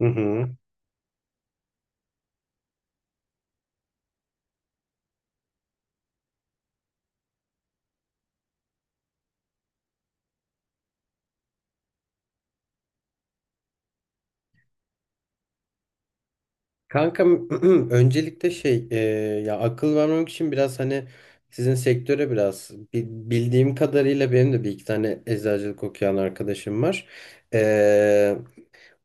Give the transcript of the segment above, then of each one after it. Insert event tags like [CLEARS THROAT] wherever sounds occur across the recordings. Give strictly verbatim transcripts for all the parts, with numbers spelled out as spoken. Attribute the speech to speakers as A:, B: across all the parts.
A: Hı hı. Kanka [CLEARS THROAT] öncelikle şey e, ya akıl vermemek için biraz hani sizin sektöre biraz bi- bildiğim kadarıyla benim de bir iki tane eczacılık okuyan arkadaşım var. E,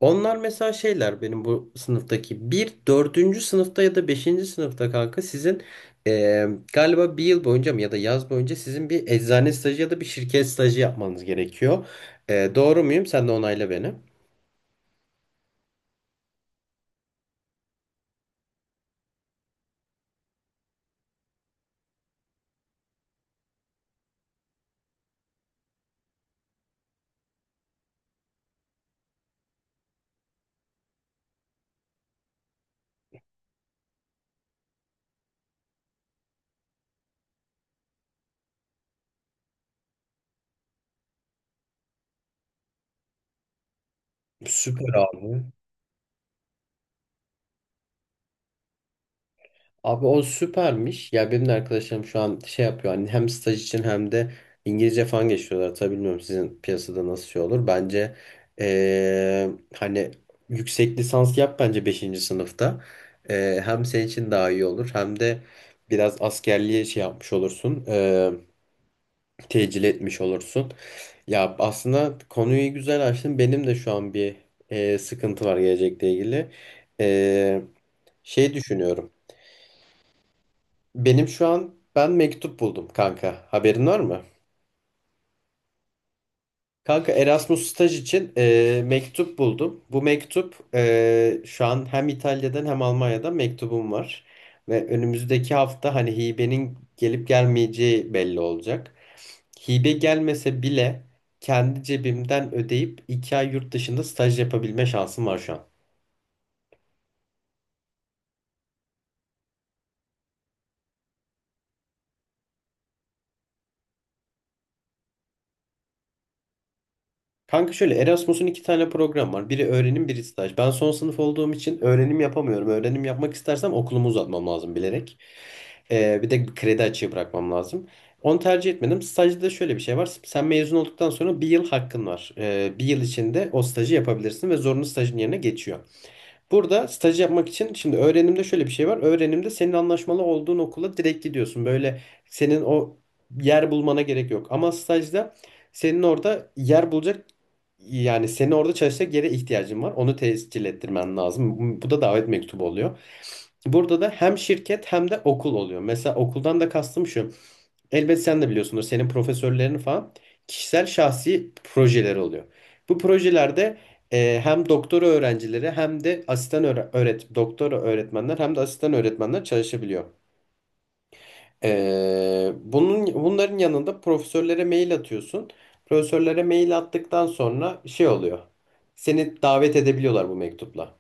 A: onlar mesela şeyler benim bu sınıftaki bir dördüncü sınıfta ya da beşinci sınıfta kanka sizin e, galiba bir yıl boyunca mı ya da yaz boyunca sizin bir eczane stajı ya da bir şirket stajı yapmanız gerekiyor. E, doğru muyum? Sen de onayla beni. Süper abi. Abi o süpermiş. Ya benim de arkadaşlarım şu an şey yapıyor. Hani hem staj için hem de İngilizce falan geçiyorlar. Tabii bilmiyorum sizin piyasada nasıl şey olur. Bence eee, hani yüksek lisans yap bence beşinci sınıfta. Eee, hem senin için daha iyi olur. Hem de biraz askerliğe şey yapmış olursun. Eee tecil etmiş olursun. Ya aslında konuyu güzel açtın. Benim de şu an bir eee, sıkıntı var gelecekle ilgili. Eee şey düşünüyorum. Benim şu an ben mektup buldum kanka. Haberin var mı? Kanka Erasmus staj için e, mektup buldum. Bu mektup e, şu an hem İtalya'dan hem Almanya'dan mektubum var. Ve önümüzdeki hafta hani hibenin gelip gelmeyeceği belli olacak. Hibe gelmese bile kendi cebimden ödeyip iki ay yurt dışında staj yapabilme şansım var şu an. Kanka şöyle Erasmus'un iki tane program var. Biri öğrenim, biri staj. Ben son sınıf olduğum için öğrenim yapamıyorum. Öğrenim yapmak istersem okulumu uzatmam lazım bilerek. Ee, bir de kredi açığı bırakmam lazım. Onu tercih etmedim. Stajda da şöyle bir şey var. Sen mezun olduktan sonra bir yıl hakkın var. Ee, bir yıl içinde o stajı yapabilirsin ve zorunlu stajın yerine geçiyor. Burada staj yapmak için şimdi öğrenimde şöyle bir şey var. Öğrenimde senin anlaşmalı olduğun okula direkt gidiyorsun. Böyle senin o yer bulmana gerek yok. Ama stajda senin orada yer bulacak yani seni orada çalışacak yere ihtiyacın var. Onu tescil ettirmen lazım. Bu da davet mektubu oluyor. Burada da hem şirket hem de okul oluyor. Mesela okuldan da kastım şu. Elbet sen de biliyorsundur senin profesörlerin falan kişisel şahsi projeleri oluyor. Bu projelerde e, hem doktora öğrencileri hem de asistan öğre- öğret doktora öğretmenler hem de asistan öğretmenler çalışabiliyor. E, bunun bunların yanında profesörlere mail atıyorsun. Profesörlere mail attıktan sonra şey oluyor. Seni davet edebiliyorlar bu mektupla.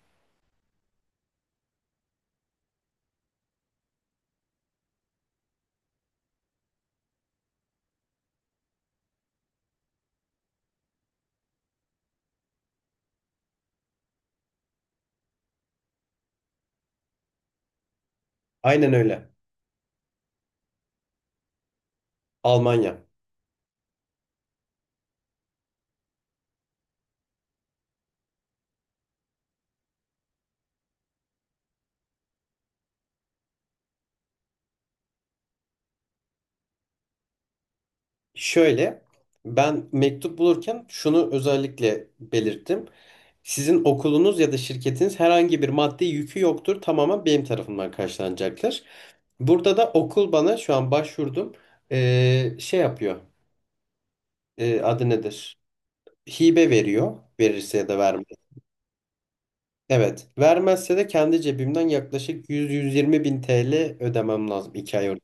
A: Aynen öyle. Almanya. Şöyle, ben mektup bulurken şunu özellikle belirttim. Sizin okulunuz ya da şirketiniz herhangi bir maddi yükü yoktur. Tamamen benim tarafından karşılanacaktır. Burada da okul bana şu an başvurdum. Ee, şey yapıyor. Ee, adı nedir? Hibe veriyor. Verirse ya da vermez. Evet. Vermezse de kendi cebimden yaklaşık yüz yüz yirmi bin T L ödemem lazım. iki ay önce.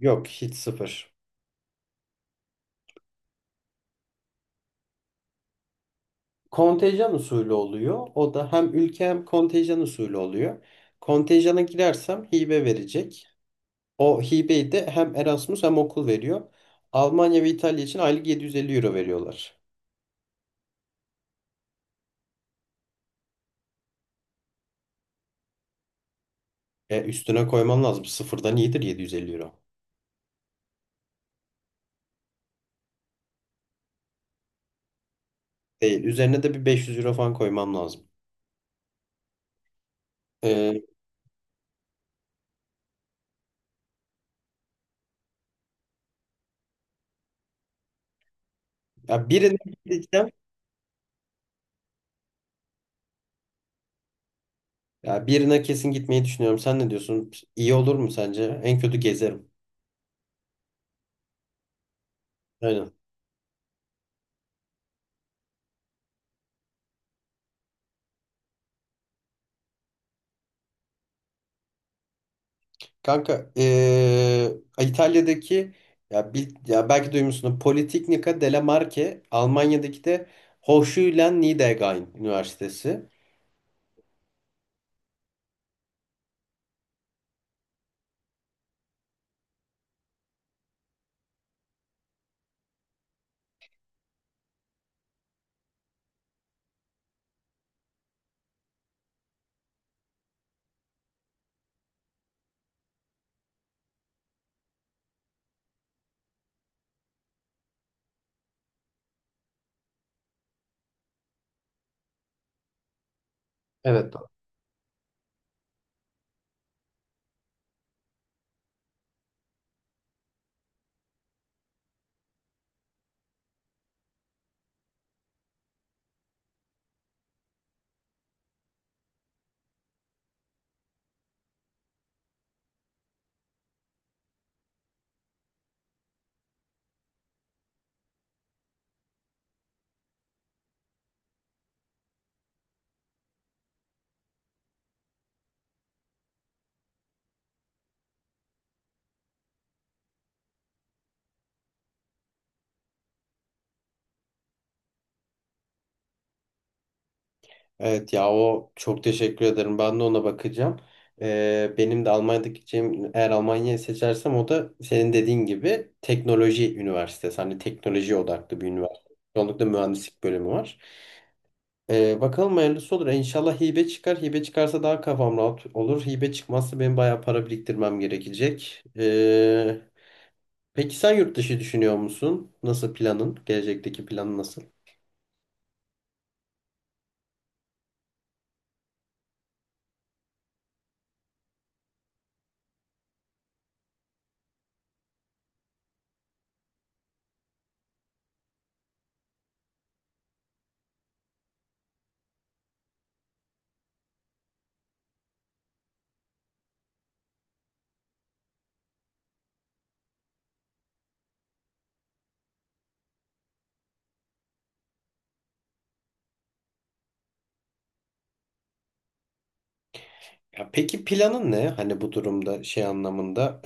A: Yok hiç sıfır. Kontenjan usulü oluyor. O da hem ülke hem kontenjan usulü oluyor. Kontenjana girersem hibe verecek. O hibeyi de hem Erasmus hem okul veriyor. Almanya ve İtalya için aylık yedi yüz elli euro veriyorlar. E, üstüne koyman lazım. Sıfırdan iyidir yedi yüz elli euro. Değil. Üzerine de bir beş yüz euro falan koymam lazım. E, ya birine gideceğim. Ya birine kesin gitmeyi düşünüyorum. Sen ne diyorsun? İyi olur mu sence? En kötü gezerim. Aynen. Kanka eee, İtalya'daki ya, bil, ya belki duymuşsunuz Politecnica delle Marche Almanya'daki de Hochschule Niederrhein Üniversitesi. Evet. Doğru. Evet ya o çok teşekkür ederim. Ben de ona bakacağım. Eee, benim de Almanya'daki gideceğim eğer Almanya'yı seçersem o da senin dediğin gibi teknoloji üniversitesi. Hani teknoloji odaklı bir üniversite. Çoğunlukla mühendislik bölümü var. Ee, bakalım hayırlısı olur. İnşallah hibe çıkar. Hibe çıkarsa daha kafam rahat olur. Hibe çıkmazsa benim bayağı para biriktirmem gerekecek. Ee, peki sen yurt dışı düşünüyor musun? Nasıl planın? Gelecekteki planın nasıl? Ya peki planın ne? Hani bu durumda şey anlamında.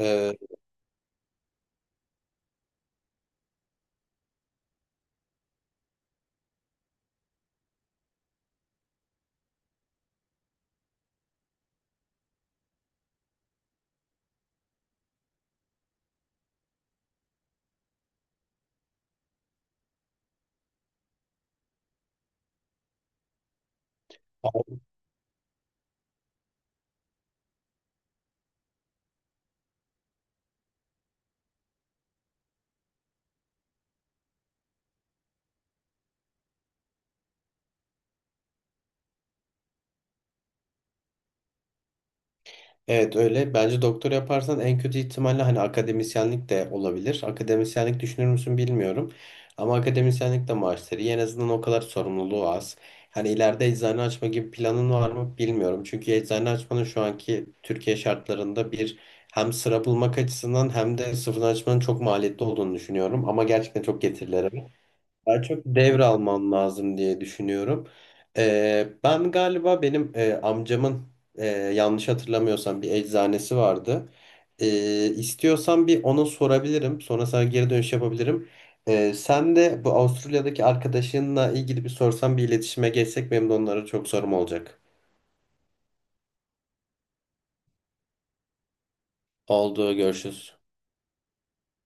A: Evet öyle. Bence doktor yaparsan en kötü ihtimalle hani akademisyenlik de olabilir. Akademisyenlik düşünür müsün bilmiyorum. Ama akademisyenlik de maaşları iyi. En azından o kadar sorumluluğu az. Hani ileride eczane açma gibi planın var mı bilmiyorum. Çünkü eczane açmanın şu anki Türkiye şartlarında bir hem sıra bulmak açısından hem de sıfırdan açmanın çok maliyetli olduğunu düşünüyorum. Ama gerçekten çok getirileri var. Daha çok devralman lazım diye düşünüyorum. Ee, ben galiba benim e, amcamın e, yanlış hatırlamıyorsam bir eczanesi vardı. Ee, istiyorsan bir ona sorabilirim. Sonra sana geri dönüş yapabilirim. Ee, sen de bu Avustralya'daki arkadaşınla ilgili bir sorsan bir iletişime geçsek benim de onlara çok sorum olacak. Oldu, görüşürüz.